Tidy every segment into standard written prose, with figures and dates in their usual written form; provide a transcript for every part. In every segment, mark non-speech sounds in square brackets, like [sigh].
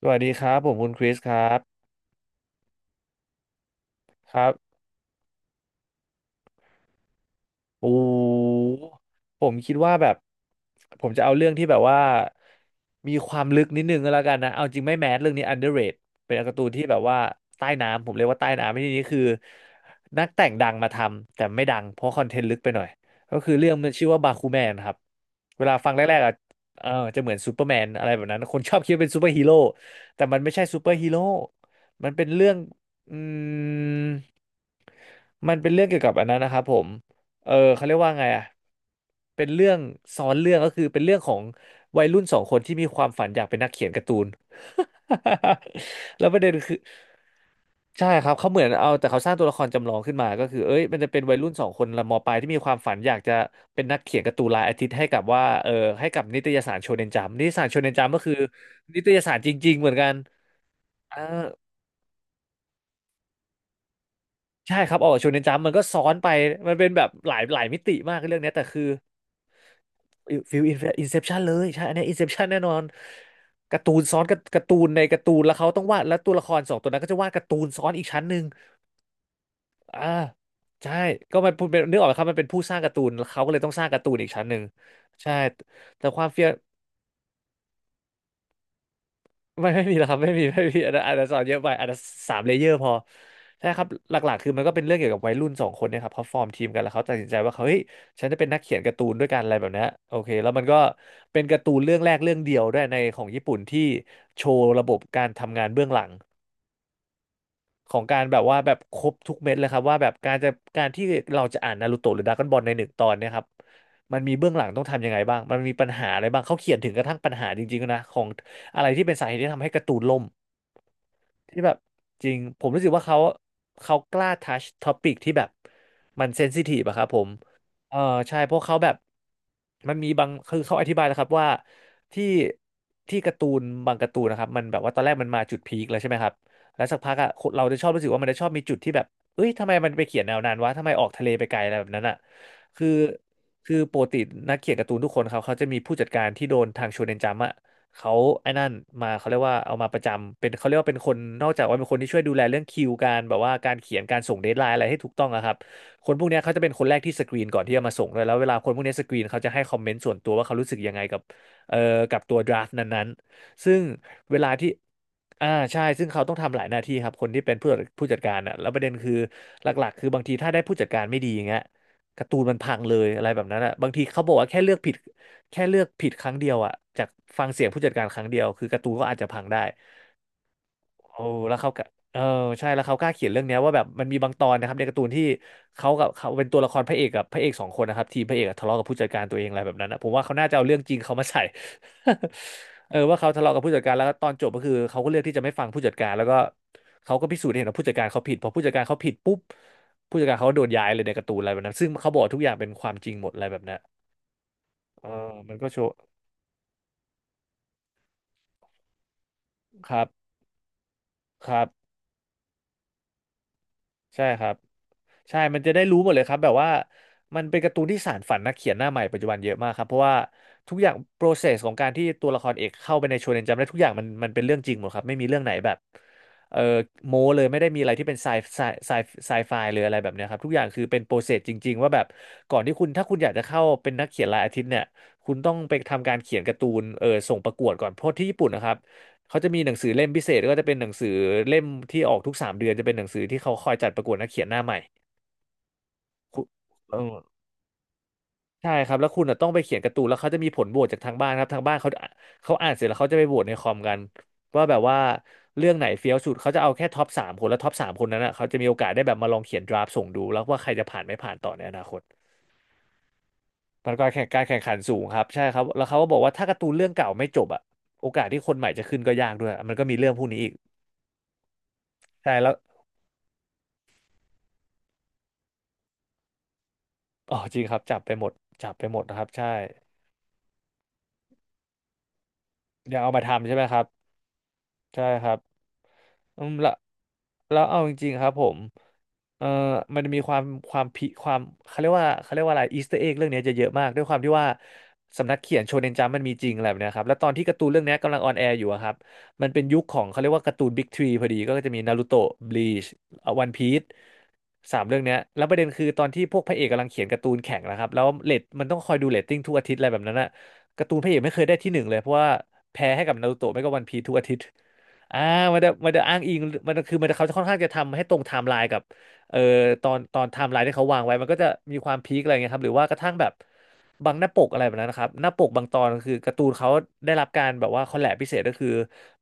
สวัสดีครับผมคุณคริสครับครับ โอ้ผมคิดว่าแบบผมจะเอาเรื่องที่แบบว่ามีความลึกนิดนึงก็แล้วกันนะเอาจริงไม่แมสเรื่องนี้ underrate เป็นการ์ตูนที่แบบว่าใต้น้ำผมเรียกว่าใต้น้ำในที่นี้คือนักแต่งดังมาทำแต่ไม่ดังเพราะคอนเทนต์ลึกไปหน่อยก็คือเรื่องมันชื่อว่าบาคูแมนครับเวลาฟังแรกๆอ่ะเออจะเหมือนซูเปอร์แมนอะไรแบบนั้นคนชอบคิดว่าเป็นซูเปอร์ฮีโร่แต่มันไม่ใช่ซูเปอร์ฮีโร่มันเป็นเรื่องอืมมันเป็นเรื่องเกี่ยวกับอันนั้นนะครับผม เออเขาเรียกว่าไงอ่ะเป็นเรื่องซ้อนเรื่องก็คือเป็นเรื่องของวัยรุ่นสองคนที่มีความฝันอยากเป็นนักเขียนการ์ตูน [laughs] แล้วประเด็นคือใช่ครับเขาเหมือนเอาแต่เขาสร้างตัวละครจำลองขึ้นมาก็คือเอ้ยมันจะเป็นวัยรุ่นสองคนละมปลายที่มีความฝันอยากจะเป็นนักเขียนการ์ตูนรายอาทิตย์ให้กับว่าให้กับนิตยสารโชเนนจัมนิตยสารโชเนนจัมก็คือนิตยสารจริงๆเหมือนกันอ่าใช่ครับออกโชเนนจัมมันก็ซ้อนไปมันเป็นแบบหลายหลายมิติมากเรื่องเนี้ยแต่คือ ฟิลอินเซปชันเลยใช่อันเนี้อินเซปชันแน่นอนการ์ตูนซ้อนกับการ์ตูนในการ์ตูนแล้วเขาต้องวาดแล้วตัวละครสองตัวนั้นก็จะวาดการ์ตูนซ้อนอีกชั้นหนึ่งอ่าใช่ก็มันเป็นนึกออกไหมครับมันเป็นผู้สร้างการ์ตูนแล้วเขาก็เลยต้องสร้างการ์ตูนอีกชั้นหนึ่งใช่แต่ความเฟี้ยว ไม่มีครับไม่มีอันนั้นอันนั้นสอนเยอะไปอันนั้นสามเลเยอร์พอใช่ครับหลักๆคือมันก็เป็นเรื่องเกี่ยวกับวัยรุ่นสองคนเนี่ยครับเขาฟอร์มทีมกันแล้วเขาตัดสินใจว่าเขาเฮ้ยฉันจะเป็นนักเขียนการ์ตูนด้วยกันอะไรแบบเนี้ยโอเคแล้วมันก็เป็นการ์ตูนเรื่องแรกเรื่องเดียวด้วยในของญี่ปุ่นที่โชว์ระบบการทำงานเบื้องหลังของการแบบว่าแบบครบทุกเม็ดเลยครับว่าแบบการจะการที่เราจะอ่านนารูโตะหรือดราก้อนบอลในหนึ่งตอนเนี่ยครับมันมีเบื้องหลังต้องทำยังไงบ้างมันมีปัญหาอะไรบ้างเขาเขียนถึงกระทั่งปัญหาจริงๆนะของอะไรที่เป็นสาเหตุที่ทำให้การ์ตูนล่ม ที่แบบจริงผมรู้สึกว่าเขากล้าทัชท็อปิกที่แบบมันเซนซิทีฟอะครับผมเออใช่เพราะเขาแบบมันมีบางคือเขาอธิบายแล้วครับว่าที่ที่การ์ตูนบางการ์ตูนนะครับมันแบบว่าตอนแรกมันมาจุดพีคแล้วใช่ไหมครับแล้วสักพักอะคนเราจะชอบรู้สึกว่ามันจะชอบมีจุดที่แบบเอ้ยทำไมมันไปเขียนแนวนั้นวะทำไมออกทะเลไปไกลอะไรแบบนั้นอะคือคือปกตินักเขียนการ์ตูนทุกคนเขาจะมีผู้จัดการที่โดนทางโชเนนจัมป์อะ เขาไอ้นั่นมาเขาเรียกว่าเอามาประจำเป็นเขาเรียกว่าเป็นคนนอกจากว่าเป็นคนที่ช่วยดูแลเรื่องคิวการแบบว่าการเขียนการส่งเดดไลน์อะไรให้ถูกต้องอะครับคนพวกเนี้ยเขาจะเป็นคนแรกที่สกรีนก่อนที่จะมาส่งเลยแล้วเวลาคนพวกเนี้ยสกรีนเขาจะให้คอมเมนต์ส่วนตัวว่าเขารู้สึกยังไงกับเอ่อกับตัวดราฟต์นั้นๆซึ่งเวลาที่อ่าใช่ซึ่งเขาต้องทำหลายหน้าที่ครับคนที่เป็นผู้จัดการอ่ะแล้วประเด็นคือหลักๆคือบางทีถ้าได้ผู้จัดการไม่ดีอย่างเงี้ยการ์ตูนมันพังเลยอะไรแบบนั้นอ่ะบางทีเขาบอกว่าแค่เลือกผิด แค่เลือกผิดครั้งเดียวอะจากฟังเสียงผู้จัดการครั้งเดียวคือการ์ตูนก็อาจจะพังได้โอ้แล้วเขาก็เออใช่แล้วเขากล้าเขียนเรื่องเนี้ยว่าแบบมันมีบางตอนนะครับในการ์ตูนที่เขากับเขาเป็นตัวละครพระเอกกับพระเอกสองคนนะครับทีมพระเอกอะทะเลาะกับผู้จัดการตัวเองอะไรแบบนั้นนะผมว่าเขาน่าจะเอาเรื่องจริงเขามาใส่ [laughs] เออว่าเขาทะเลาะกับผู้จัดการแล้วก็ตอนจบก็คือเขาก็เลือกที่จะไม่ฟังผู้จัดการแล้วก็เขาก็พิสูจน์ให้เห็นว่าผู้จัดการเขาผิดพอผู้จัดการเขาผิดปุ๊บผู้จัดการเขาก็โดนย้ายเลยในการ์ตูนอะไรแบบนั้นซึ่งเขาบอกทุกอย่างเป็นความจริงหมดอะไรแบบนั้นเออมันก็โชว์ครับครับ ใช่ครับ ใช่ มันจะได้รู้หมดเลยครับแบบว่ามันเป็นการ์ตูนที่สานฝันนักเขียนหน้าใหม่ปัจจุบันเยอะมากครับเพราะว่าทุกอย่าง process ของการที่ตัวละครเอกเข้าไปในโชเนนจัมป์ได้ทุกอย่างมันเป็นเรื่องจริงหมดครับไม่มีเรื่องไหนแบบเออโม้เลยไม่ได้มีอะไรที่เป็นไซไซไซไฟเลยอะไรแบบเนี้ยครับทุกอย่างคือเป็น process จริงๆว่าแบบก่อนที่คุณถ้าคุณอยากจะเข้าเป็นนักเขียนรายอาทิตย์เนี่ยคุณต้องไปทำการเขียนการ์ตูนส่งประกวดก่อนเพราะที่ญี่ปุ่นนะครับเขาจะมีหนังสือเล่มพิเศษก็จะเป็นหนังสือเล่มที่ออกทุก3 เดือนจะเป็นหนังสือที่เขาคอยจัดประกวดนักเขียนหน้าใหม่ คุณเออใช่ครับแล้วคุณอ่ะต้องไปเขียนการ์ตูนแล้วเขาจะมีผลโหวตจากทางบ้านครับทางบ้านเขาเขาอ่านเสร็จแล้วเขาจะไปโหวตในคอมกันว่าแบบว่าเรื่องไหนเฟี้ยวสุดเขาจะเอาแค่ท็อปสามคนแล้วท็อปสามคนนั้นอ่ะเขาจะมีโอกาสได้แบบมาลองเขียนดราฟต์ส่งดูแล้วว่าใครจะผ่านไม่ผ่านต่อในอนาคตมันก็แข่งการแข่งขันสูงครับใช่ครับแล้วเขาก็บอกว่าถ้าการ์ตูนเรื่องเก่าไม่จบอ่ะโอกาสที่คนใหม่จะขึ้นก็ยากด้วยมันก็มีเรื่องพวกนี้อีกใช่แล้วอ๋อจริงครับจับไปหมดจับไปหมดนะครับใช่เดี๋ยวเอามาทำใช่ไหมครับ ใช่ครับอืมแล้วเอาจริงๆครับผมเอ่อมันจะมีความความพิความเขาเรียกว่าอะไรอีสเตอร์เอ็กเรื่องเนี้ยจะเยอะมากด้วยความที่ว่าสำนักเขียนโชเนนจัมป์มันมีจริงอะไรแบบเนี้ยครับแล้วตอนที่การ์ตูนเรื่องเนี้ยกำลังออนแอร์อยู่อะครับมันเป็นยุคของเขาเรียกว่าการ์ตูนบิ๊กทรีพอดีก็จะมีนารูโตะบลีชวันพีซ3 เรื่องเนี้ยแล้วประเด็นคือตอนที่พวกพระเอกกำลังเขียนการ์ตูนแข่งนะครับแล้วเรตมันต้องคอยดูเรตติ้งทุกอาทิตย์อะไรแบบนั้นอะการ์ตูนพระเอกไม่เคยได้ที่ 1เลยเพราะว่าแพ้ให้กับนารูโตะไม่ก็วันพีซทุกอาทิตย์ อ่ามันจะอ้างอิงมันจะเขาจะค่อนข้างจะทำให้ตรงไทม์ไลน์กับเอ่อตอนไทม์ไลน์ที่เขาวางไว้มันก็จะมีความพีคอะไรเงี้ยครับหรือว่ากระทั่งแบบบางหน้าปกอะไรแบบนั้นนะครับหน้าปกบางตอนคือการ์ตูนเขาได้รับการแบบว่าคอลแลบพิเศษก็คือ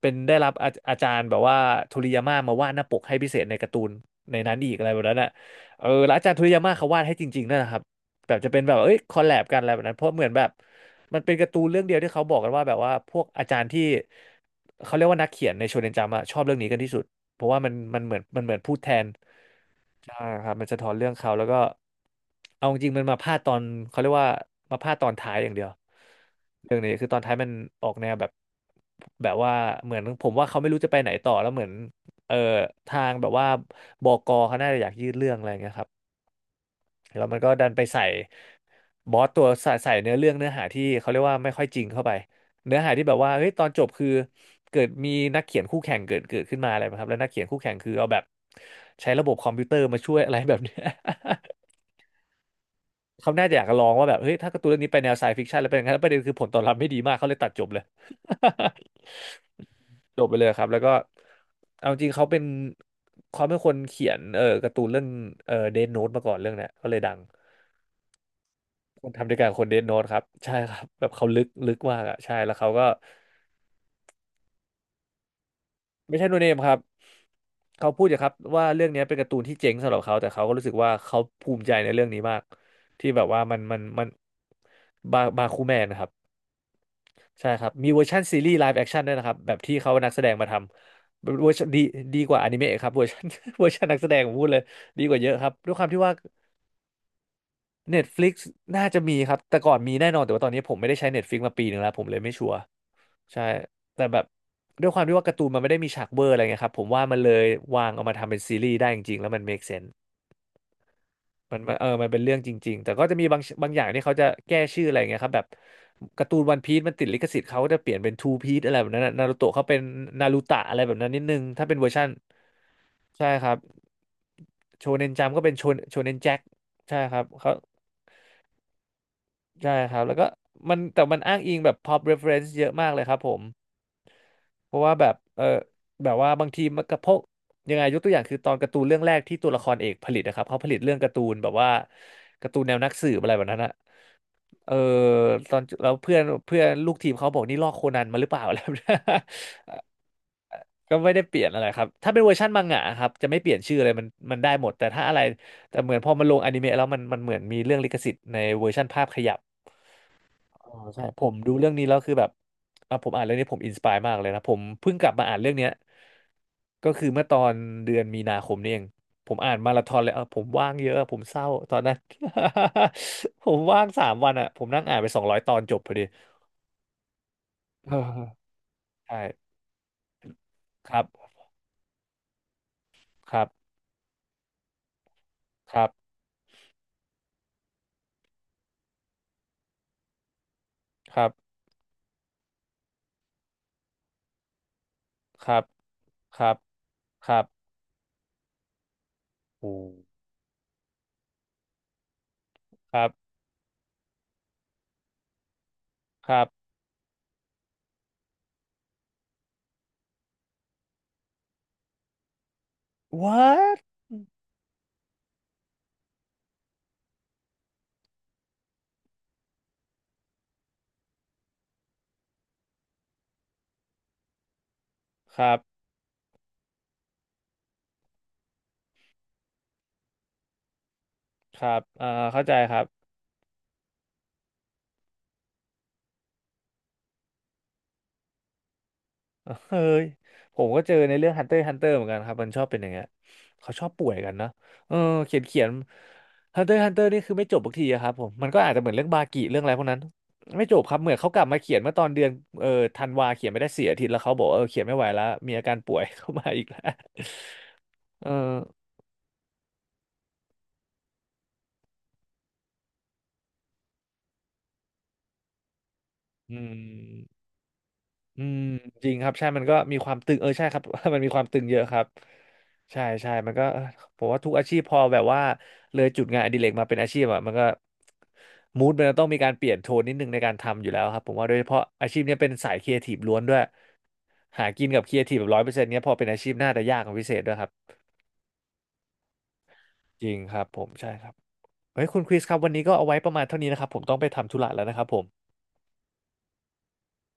เป็นได้รับอาจารย์แบบว่าโทริยาม่ามาวาดหน้าปกให้พิเศษในการ์ตูนในนั้นอีกอะไรแบบนั้นอ่ะเออแล้วอาจารย์โทริยาม่าเขาวาดให้จริงๆนั่นแหละครับแบบจะเป็นแบบเอ้ยคอลแลบกันอะไรแบบนั้นเพราะเหมือนแบบ มันเป็นการ์ตูนเรื่องเดียวที่เขาบอกกันว่าแบบว่าพวกอาจารย์ที่เขาเรียกว่านักเขียนในโชเนนจัมป์อะชอบเรื่องนี้กันที่สุดเพราะว่ามันเหมือนพูดแทนใช่ครับมันสะท้อนเรื่องเขาแล้วก็เอาจริงๆมันมาพลาดตอนเขาเรียกว่ามาพลาดตอนท้ายอย่างเดียวเรื่องนี้คือตอนท้ายมันออกแนวแบบแบบว่าเหมือนผมว่าเขาไม่รู้จะไปไหนต่อแล้วเหมือนเออทางแบบว่าบกเขาน่าจะอยากยืดเรื่องอะไรอย่างเงี้ยครับ แล้วมันก็ดันไปใส่บอสตัวใส่เนื้อเรื่องเนื้อหาที่เขาเรียกว่าไม่ค่อยจริงเข้าไปเนื้อหาที่แบบว่าเฮ้ยตอนจบคือเกิดมีนักเขียนคู่แข่งเกิดขึ้นมาอะไรแบบครับแล้วนักเขียนคู่แข่งคือเอาแบบใช้ระบบคอมพิวเตอร์มาช่วยอะไรแบบเนี้ย [laughs] เขาน่าจะอยากจะลองว่าแบบเฮ้ยถ้าการ์ตูนเรื่องนี้ไปแนวไซฟิคชันแล้วเป็นอย่างนั้นแล้วประเด็นคือผลตอบรับไม่ดีมากเขาเลยตัดจบเลย [laughs] จบไปเลยครับแล้วก็เอาจริงเขาเป็นเขาเป็นคนเขียนการ์ตูนเรื่องเดนโนตมาก่อนเรื่องเนี้ยก็เลยดัง คนทำด้วยกันคนเดดโน้ตครับใช่ครับแบบเขาลึกมากอ่ะใช่แล้วเขาก็ไม่ใช่โนเนมครับเขาพูดอย่างครับว่าเรื่องเนี้ยเป็นการ์ตูนที่เจ๋งสำหรับเขาแต่เขาก็รู้สึกว่าเขาภูมิใจในเรื่องนี้มากที่แบบว่ามันบาบาคูแมนนะครับใช่ครับมีเวอร์ชันซีรีส์ไลฟ์แอคชั่นด้วยนะครับแบบที่เขานักแสดงมาทำเวอร์ชันดีกว่าอนิเมะครับเวอร์ชัน [laughs] เวอร์ชันนักแสดงผมพูดเลยดีกว่าเยอะครับด้วยความที่ว่า Netflix น่าจะมีครับแต่ก่อนมีแน่นอนแต่ว่าตอนนี้ผมไม่ได้ใช้ Netflix มา1 ปีแล้วผมเลยไม่ชัวร์ใช่แต่แบบด้วยความที่ว่าการ์ตูนมันไม่ได้มีฉากเวอร์อะไรเงี้ยครับผมว่ามันเลยวางเอามาทำเป็นซีรีส์ได้จริงๆแล้วมัน make sense มันเออมันเป็นเรื่องจริงๆแต่ก็จะมีบางอย่างที่เขาจะแก้ชื่ออะไรเงี้ยครับแบบการ์ตูนวันพีซมันติดลิขสิทธิ์เขาก็จะเปลี่ยนเป็นทูพีซอะไรแบบนั้นนารูโตะเขาเป็นนารูตะอะไรแบบนั้นนิดนึงถ้าเป็นเวอร์ชั่นใช่ครับโชเนนจัมป์ก็เป็นโชเนนแจ็คใช่ครับเขา ใช่ครับแล้วก็แต่มันอ้างอิงแบบ pop reference เยอะมากเลยครับผมเพราะว่าแบบเออแบบว่าบางทีมันกระพกยังไงยกตัวอย่างคือตอนการ์ตูนเรื่องแรกที่ตัวละครเอกผลิตนะครับเขาผลิตเรื่องการ์ตูนแบบว่าการ์ตูนแนวนักสืบอะไรแบบนั้นอะเออตอนแล้วเพื่อนเพื่อนลูกทีมเขาบอกนี่ลอกโคนันมาหรือเปล่า [laughs] อะไรแบบนั้นก็ไม่ได้เปลี่ยนอะไรครับถ้าเป็นเวอร์ชันมังงะครับจะไม่เปลี่ยนชื่อเลยมันได้หมดแต่ถ้าอะไรแต่เหมือนพอมันลงอนิเมะแล้วมันเหมือนมีเรื่องลิขสิทธิ์ในเวอร์ชันภาพขยับ อ๋อใช่ผมดูเรื่องนี้แล้วคือแบบอ่ะผมอ่านเรื่องนี้ผมอินสปายมากเลยนะผมเพิ่งกลับมาอ่านเรื่องเนี้ยก็คือเมื่อตอนเดือนมีนาคมนี่เองผมอ่านมาราธอนเลยอ่ะผมว่างเยอะผมเศร้าตอนนั้น [laughs] ผมว่าง3 วันอ่ะผมนั่งอ่านไป200 ตอนจบพอดี [laughs] เออใช่ครับครับครับครับครับครับครับโอ้ครับครับ what ครับครับอ่าเข้าใจครับ เฮ้ยผมก็เจอในเรื่อง Hunter x Hunter เหมือนกันครับมันชอบเป็นอย่างเงี้ยเขาชอบป่วยกันเนอะเออเขียน Hunter x Hunter นี่คือไม่จบสักทีอะครับผมมันก็อาจจะเหมือนเรื่องบากิเรื่องอะไรพวกนั้นไม่จบครับเหมือนเขากลับมาเขียนเมื่อตอนเดือนเออธันวาเขียนไม่ได้เสียอาทิตย์แล้วเขาบอกว่าเออเขียนไม่ไหวแล้วมีอาการป่วย [laughs] เข้ามาอีกแล้วเอออืม อืมจริงครับใช่มันก็มีความตึงเออใช่ครับ [laughs] มันมีความตึงเยอะครับใช่ใช่มันก็เออผมว่าทุกอาชีพพอแบบว่าเลยจุดงานอดิเรกมาเป็นอาชีพอ่ะมันก็มูดมันจะต้องมีการเปลี่ยนโทนนิดนึงในการทำอยู่แล้วครับผมว่าโดยเฉพาะอาชีพเนี้ยเป็นสายครีเอทีฟล้วนด้วยหากินกับครีเอทีฟแบบ100%เนี้ยพอเป็นอาชีพน่าจะยากกว่าพิเศษด้วยครับจริงครับผมใช่ครับเฮ้ยคุณคริสครับวันนี้ก็เอาไว้ประมาณเท่านี้นะครับผมต้องไปทำธุระแล้วนะครับผม